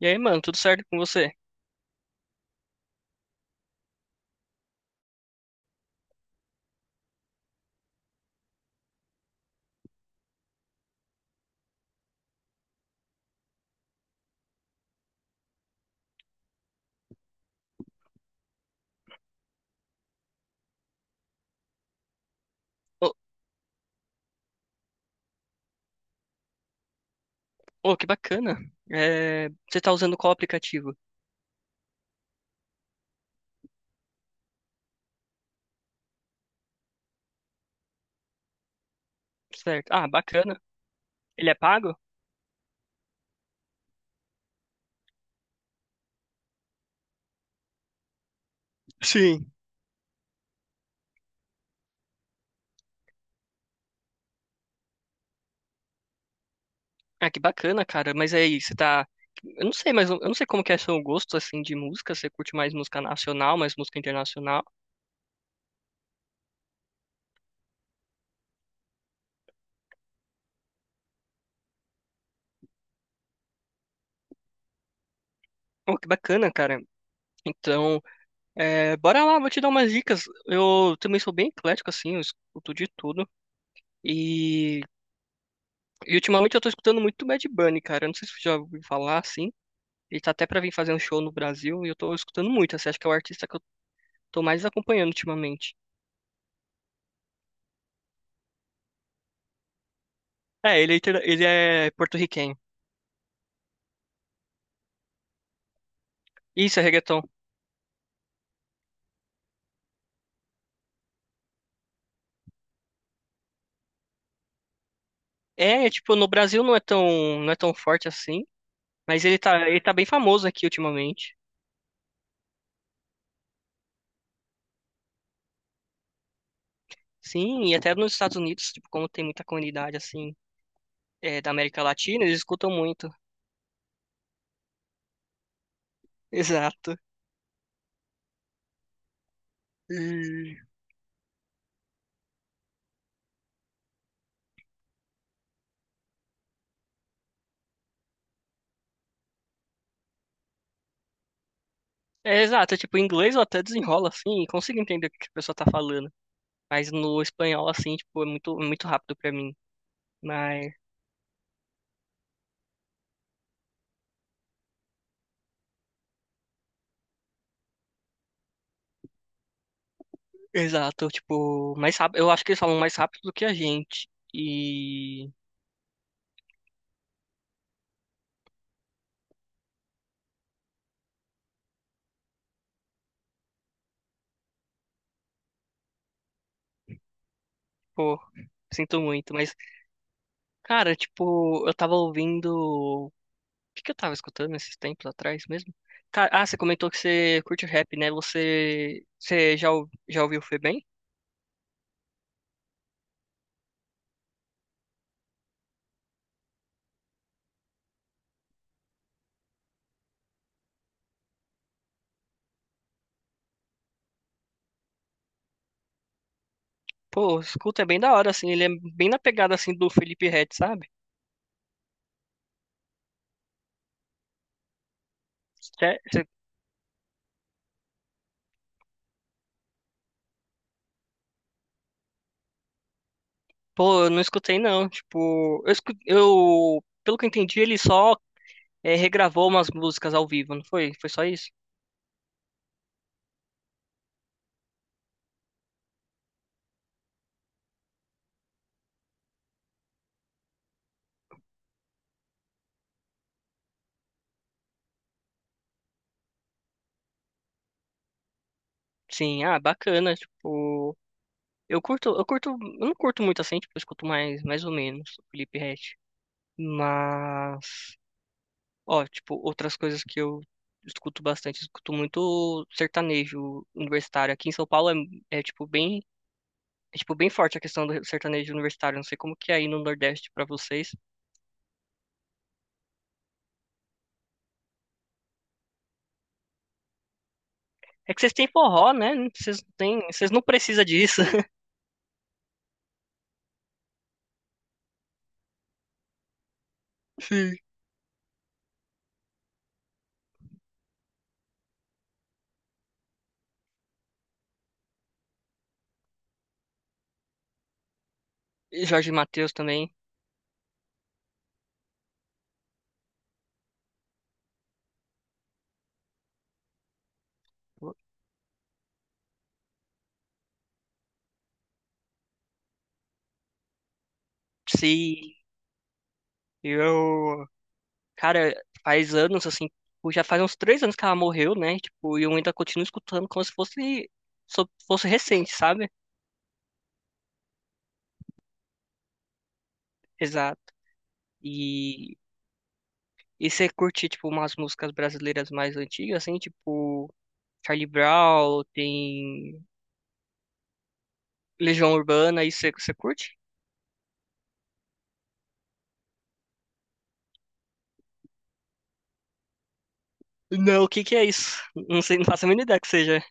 E aí, mano, tudo certo com você? Ô, ô, que bacana. É, você tá usando qual aplicativo? Certo. Ah, bacana. Ele é pago? Sim. Ah, que bacana, cara. Mas aí, você tá. Eu não sei, mas eu não sei como que é seu gosto, assim, de música. Você curte mais música nacional, mais música internacional? Oh, que bacana, cara. Então, é, bora lá, vou te dar umas dicas. Eu também sou bem eclético, assim, eu escuto de tudo. E, e ultimamente eu tô escutando muito Bad Bunny, cara. Eu não sei se você já ouviu falar, assim. Ele tá até pra vir fazer um show no Brasil e eu tô escutando muito. Assim, acho que é o artista que eu tô mais acompanhando ultimamente. É, ele, ele é porto-riquenho. Isso, é reggaeton. É, tipo, no Brasil não é tão, não é tão forte assim, mas ele tá bem famoso aqui ultimamente. Sim, e até nos Estados Unidos, tipo, como tem muita comunidade, assim, é, da América Latina, eles escutam muito. Exato. E- É, exato, tipo, em inglês eu até desenrolo, assim, e consigo entender o que que a pessoa tá falando. Mas no espanhol, assim, tipo, é muito rápido pra mim. Mas Exato, tipo, mais rápido. Eu acho que eles falam mais rápido do que a gente. E, pô, sinto muito. Mas, cara, tipo, eu tava ouvindo. O que que eu tava escutando esses tempos atrás mesmo? Cara, ah, você comentou que você curte rap, né? Você, já ouviu o Febem? Pô, escuta, é bem da hora, assim. Ele é bem na pegada, assim, do Felipe Ret, sabe? Cê- cê- Pô, eu não escutei, não. Tipo, pelo que eu entendi, ele só regravou umas músicas ao vivo, não foi? Foi só isso? Sim, ah, bacana, tipo, eu não curto muito assim, tipo, eu escuto mais, mais ou menos, o Felipe Ret, mas, ó, tipo, outras coisas que eu escuto bastante, eu escuto muito sertanejo universitário, aqui em São Paulo é, é tipo, bem, é, tipo, bem forte a questão do sertanejo universitário, não sei como que é aí no Nordeste pra vocês, é que vocês têm forró, né, vocês não têm, vocês não precisam disso. Sim. E Jorge Mateus também, sim, eu cara, faz anos, assim, tipo, já faz uns 3 anos que ela morreu, né? Tipo, e eu ainda continuo escutando como se fosse, fosse recente, sabe? Exato. E, e você curte, tipo, umas músicas brasileiras mais antigas, assim, tipo, Charlie Brown, tem Legião Urbana, isso você, você curte? Não, o que que é isso? Não sei, não faço a mínima ideia que seja.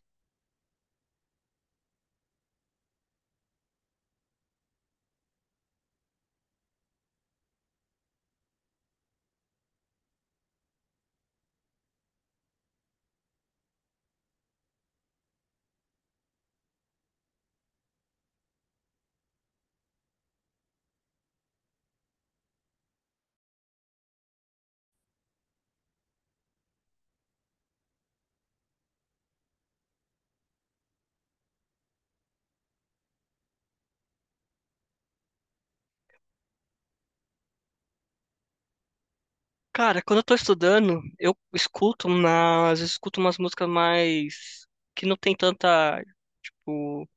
Cara, quando eu tô estudando, eu escuto, mas eu escuto umas músicas mais que não tem tanta, tipo,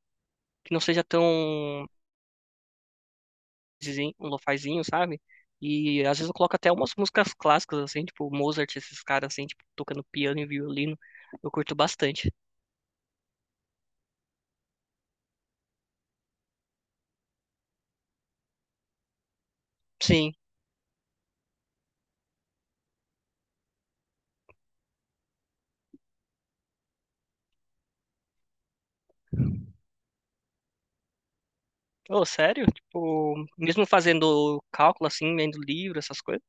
que não seja tão lofazinho, um lofazinho, sabe? E às vezes eu coloco até umas músicas clássicas, assim, tipo Mozart, esses caras, assim, tipo, tocando piano e violino. Eu curto bastante. Sim. Oh, sério? Tipo, mesmo fazendo cálculo, assim, lendo livro, essas coisas?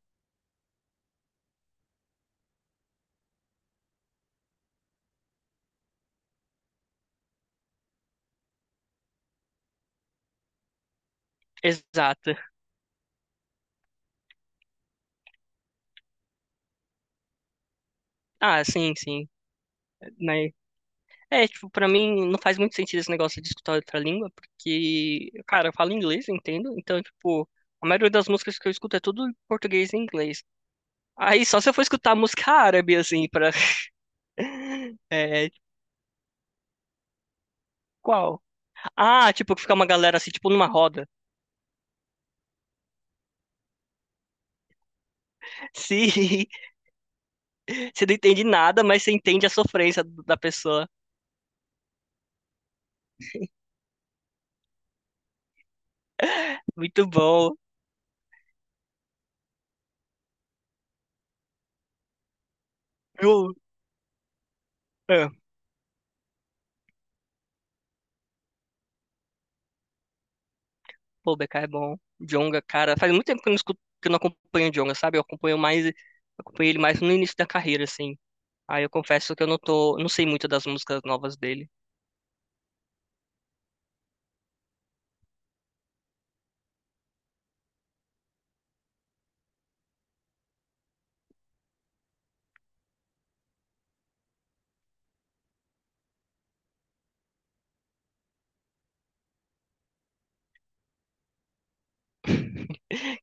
Exato. Ah, sim, sim. Né? É, tipo, pra mim não faz muito sentido esse negócio de escutar outra língua, porque, cara, eu falo inglês, entendo? Então, tipo, a maioria das músicas que eu escuto é tudo em português e inglês. Aí só se eu for escutar música árabe, assim, pra. É, tipo, qual? Ah, tipo, que fica uma galera assim, tipo, numa roda. Sim, você não entende nada, mas você entende a sofrência da pessoa. Muito bom. Eu... É. Pô, o BK é bom. Djonga, cara, faz muito tempo que eu não escuto, que eu não acompanho o Djonga, sabe? Eu acompanho mais, acompanhei ele mais no início da carreira, assim. Aí eu confesso que eu não tô, não sei muito das músicas novas dele.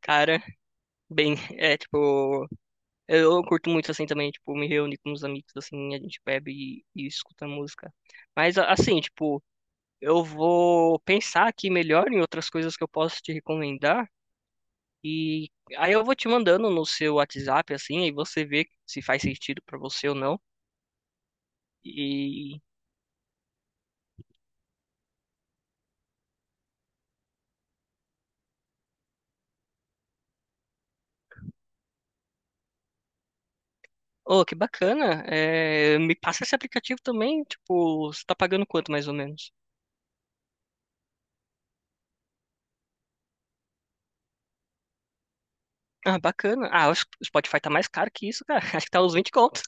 Cara, bem, é tipo, eu curto muito assim também, tipo, me reúno com os amigos assim, a gente bebe e escuta música. Mas assim, tipo, eu vou pensar aqui melhor em outras coisas que eu posso te recomendar e aí eu vou te mandando no seu WhatsApp assim, aí você vê se faz sentido pra você ou não. E oh, que bacana! É, me passa esse aplicativo também, tipo, você tá pagando quanto mais ou menos? Ah, bacana. Ah, acho que o Spotify tá mais caro que isso, cara. Acho que tá uns 20 contos.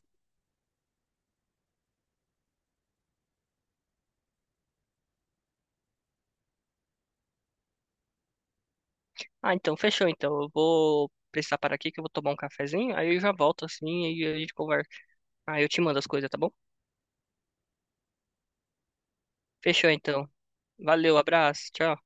Ah, então fechou. Então eu vou precisar parar aqui que eu vou tomar um cafezinho, aí eu já volto assim e a gente conversa. Ah, eu te mando as coisas, tá bom? Fechou então. Valeu, abraço, tchau.